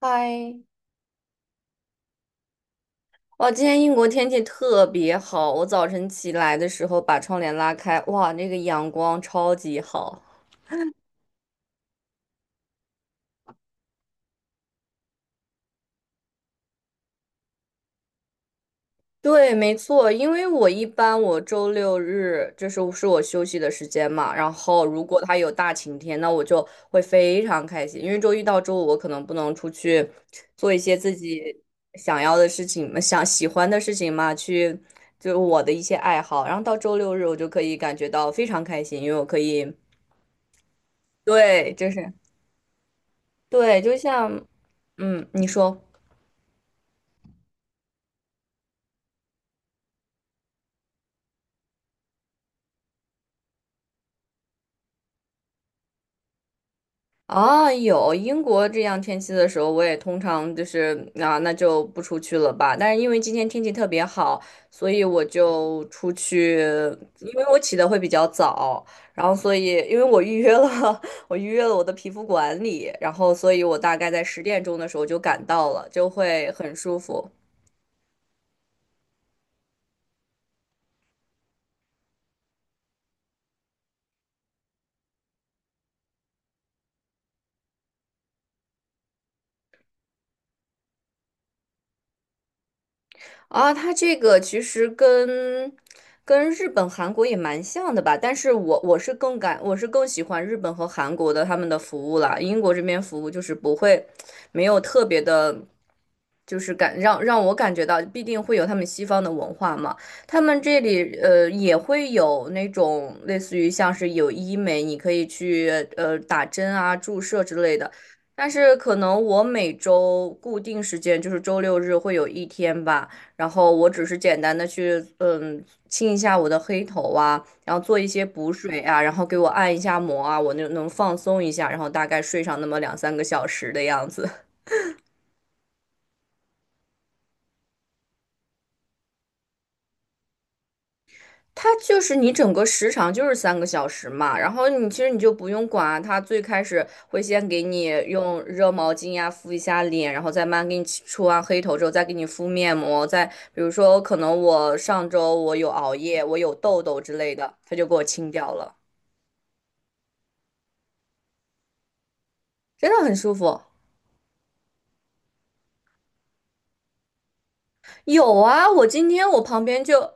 嗨，哇！今天英国天气特别好，我早晨起来的时候把窗帘拉开，哇，那个阳光超级好。对，没错，因为我一般周六日就是我休息的时间嘛，然后如果它有大晴天，那我就会非常开心，因为周一到周五我可能不能出去做一些自己想要的事情嘛，想喜欢的事情嘛，就我的一些爱好，然后到周六日我就可以感觉到非常开心，因为我可以。对，就是对，就像，嗯，你说啊，有英国这样天气的时候，我也通常就是啊，那就不出去了吧。但是因为今天天气特别好，所以我就出去，因为我起的会比较早，然后所以因为我预约了，我预约了我的皮肤管理，然后所以我大概在10点钟的时候就赶到了，就会很舒服。啊，它这个其实跟日本、韩国也蛮像的吧，但是我是更感我是更喜欢日本和韩国的他们的服务啦，英国这边服务就是不会没有特别的，就是让我感觉到必定会有他们西方的文化嘛，他们这里也会有那种类似于像是有医美，你可以去打针啊、注射之类的，但是可能我每周固定时间就是周六日会有一天吧。然后我只是简单的去清一下我的黑头啊，然后做一些补水啊，然后给我按一下摩啊，我那能放松一下，然后大概睡上那么两三个小时的样子。它就是你整个时长就是三个小时嘛，然后你其实你就不用管啊，它最开始会先给你用热毛巾呀、敷一下脸，然后再慢慢给你出完黑头之后，再给你敷面膜，再比如说可能我上周有熬夜，我有痘痘之类的，它就给我清掉了，真的很舒服。有啊，我今天我旁边就，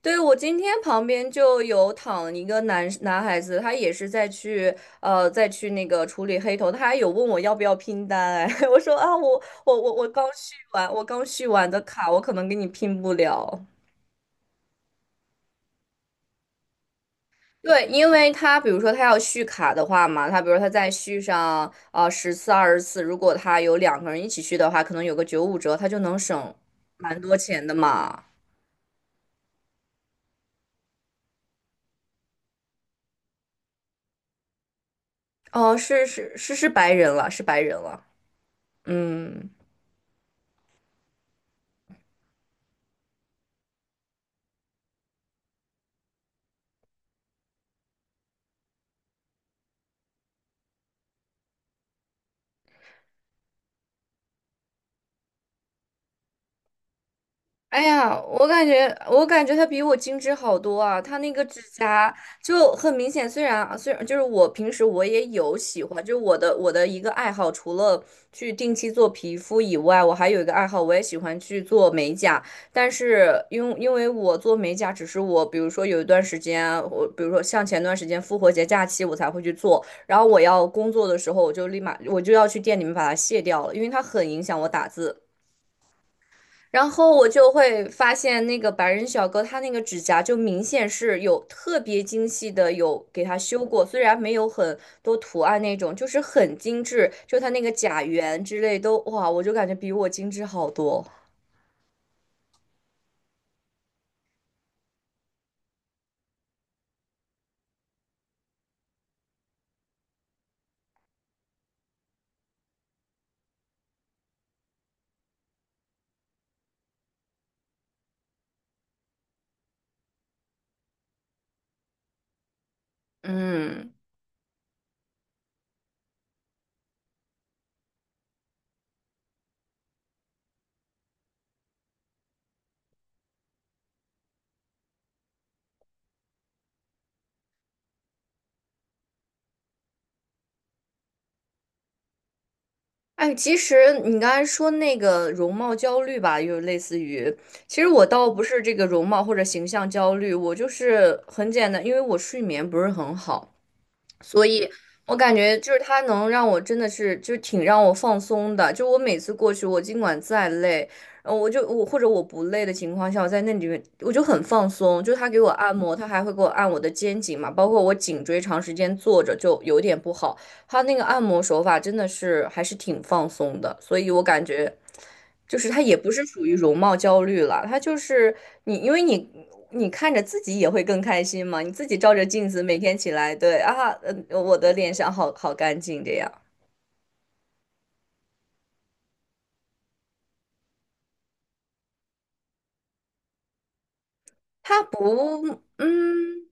对，我今天旁边就有躺一个男孩子，他也是在去那个处理黑头，他还有问我要不要拼单。哎，我说啊，我刚续完，我刚续完的卡，我可能给你拼不了。对，因为他比如说他要续卡的话嘛，他比如说他再续上啊10次20次，如果他有两个人一起续的话，可能有个95折，他就能省蛮多钱的嘛。哦，是是是是白人了，是白人了。嗯，哎呀，我感觉她比我精致好多啊！她那个指甲就很明显，虽然就是我平时也有喜欢，就是我的一个爱好，除了去定期做皮肤以外，我还有一个爱好，我也喜欢去做美甲。但是因为我做美甲，只是我比如说有一段时间，我比如说像前段时间复活节假期我才会去做，然后我要工作的时候，我就立马要去店里面把它卸掉了，因为它很影响我打字。然后我就会发现那个白人小哥他那个指甲就明显是有特别精细的有给他修过，虽然没有很多图案那种，就是很精致，就他那个甲缘之类都哇，我就感觉比我精致好多。嗯，哎，其实你刚才说那个容貌焦虑吧，又类似于，其实我倒不是这个容貌或者形象焦虑，我就是很简单，因为我睡眠不是很好。所以我感觉就是他能让我真的是就是挺让我放松的。就我每次过去，我尽管再累，我或者我不累的情况下，我在那里面我就很放松。就他给我按摩，他还会给我按我的肩颈嘛，包括我颈椎长时间坐着就有点不好。他那个按摩手法真的是还是挺放松的，所以我感觉。就是他也不是属于容貌焦虑了，他就是你，因为你看着自己也会更开心嘛，你自己照着镜子每天起来，对啊，我的脸上好好干净这样，他不，嗯。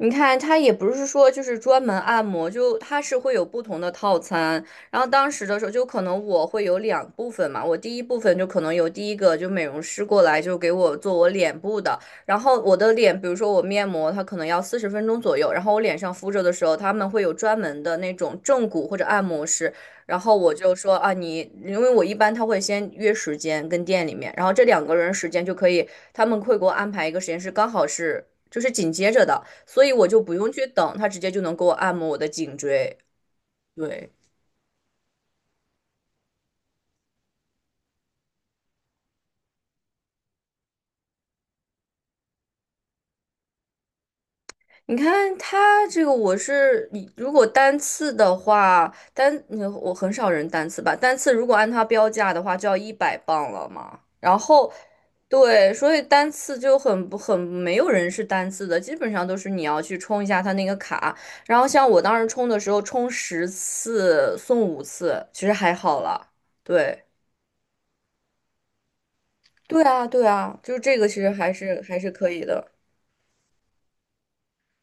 你看，他也不是说就是专门按摩，就他是会有不同的套餐。然后当时的时候，就可能我会有两部分嘛，我第一部分就可能有第一个就美容师过来就给我做我脸部的，然后我的脸，比如说我面膜，它可能要40分钟左右，然后我脸上敷着的时候，他们会有专门的那种正骨或者按摩师，然后我就说啊，你因为我一般他会先约时间跟店里面，然后这两个人时间就可以，他们会给我安排一个时间是刚好是就是紧接着的。所以我就不用去等，他直接就能给我按摩我的颈椎。对，你看他这个，我是你如果单次的话，我很少人单次吧，单次如果按他标价的话，就要100磅了嘛。然后，对，所以单次就很不很没有人是单次的，基本上都是你要去充一下他那个卡。然后像我当时充的时候，充10次送5次，其实还好啦。对，对啊，对啊，就是这个其实还是可以的。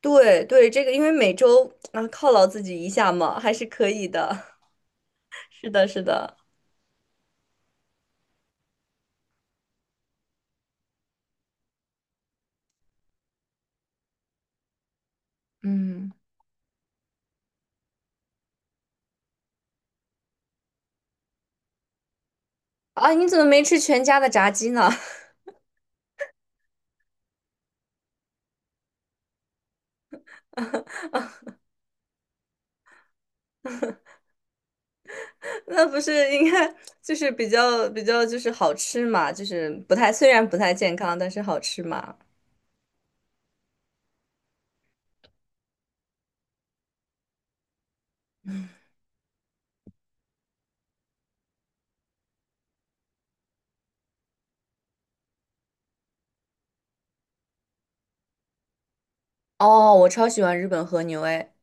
对对，这个因为每周啊犒劳自己一下嘛，还是可以的。是的，是的。嗯，啊，你怎么没吃全家的炸鸡呢？那不是应该就是比较就是好吃嘛，就是不太虽然不太健康，但是好吃嘛。哦，我超喜欢日本和牛诶。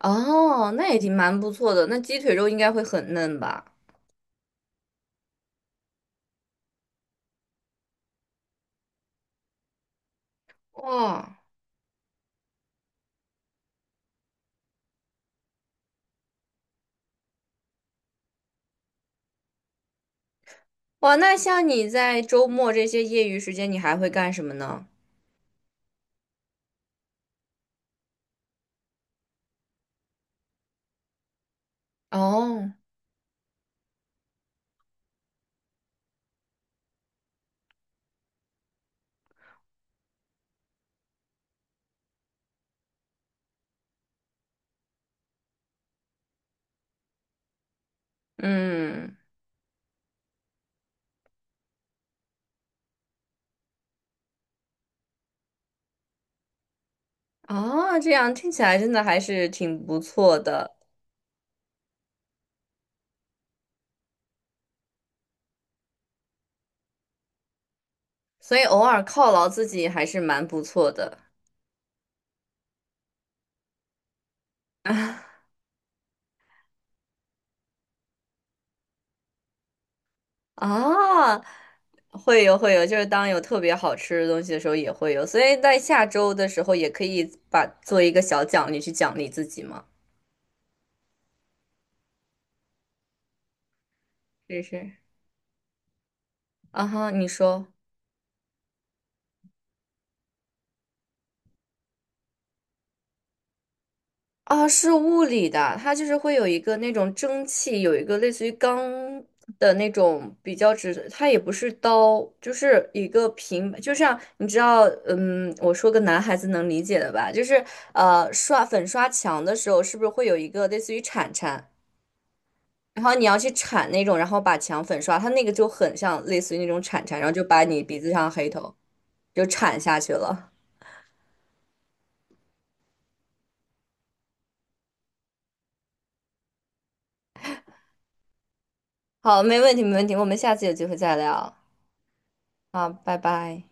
哦，那也挺蛮不错的。那鸡腿肉应该会很嫩吧？哇哇，那像你在周末这些业余时间，你还会干什么呢？哦，嗯。啊，这样听起来真的还是挺不错的，所以偶尔犒劳自己还是蛮不错的。啊，会有会有，就是当有特别好吃的东西的时候也会有，所以在下周的时候也可以把做一个小奖励去奖励自己嘛。是是。啊哈，你说。啊，是物理的，它就是会有一个那种蒸汽，有一个类似于钢的那种比较直，它也不是刀，就是一个平，就像你知道，嗯，我说个男孩子能理解的吧，就是刷粉刷墙的时候，是不是会有一个类似于铲铲，然后你要去铲那种，然后把墙粉刷，它那个就很像类似于那种铲铲，然后就把你鼻子上的黑头就铲下去了。好，没问题，没问题，我们下次有机会再聊。好，拜拜。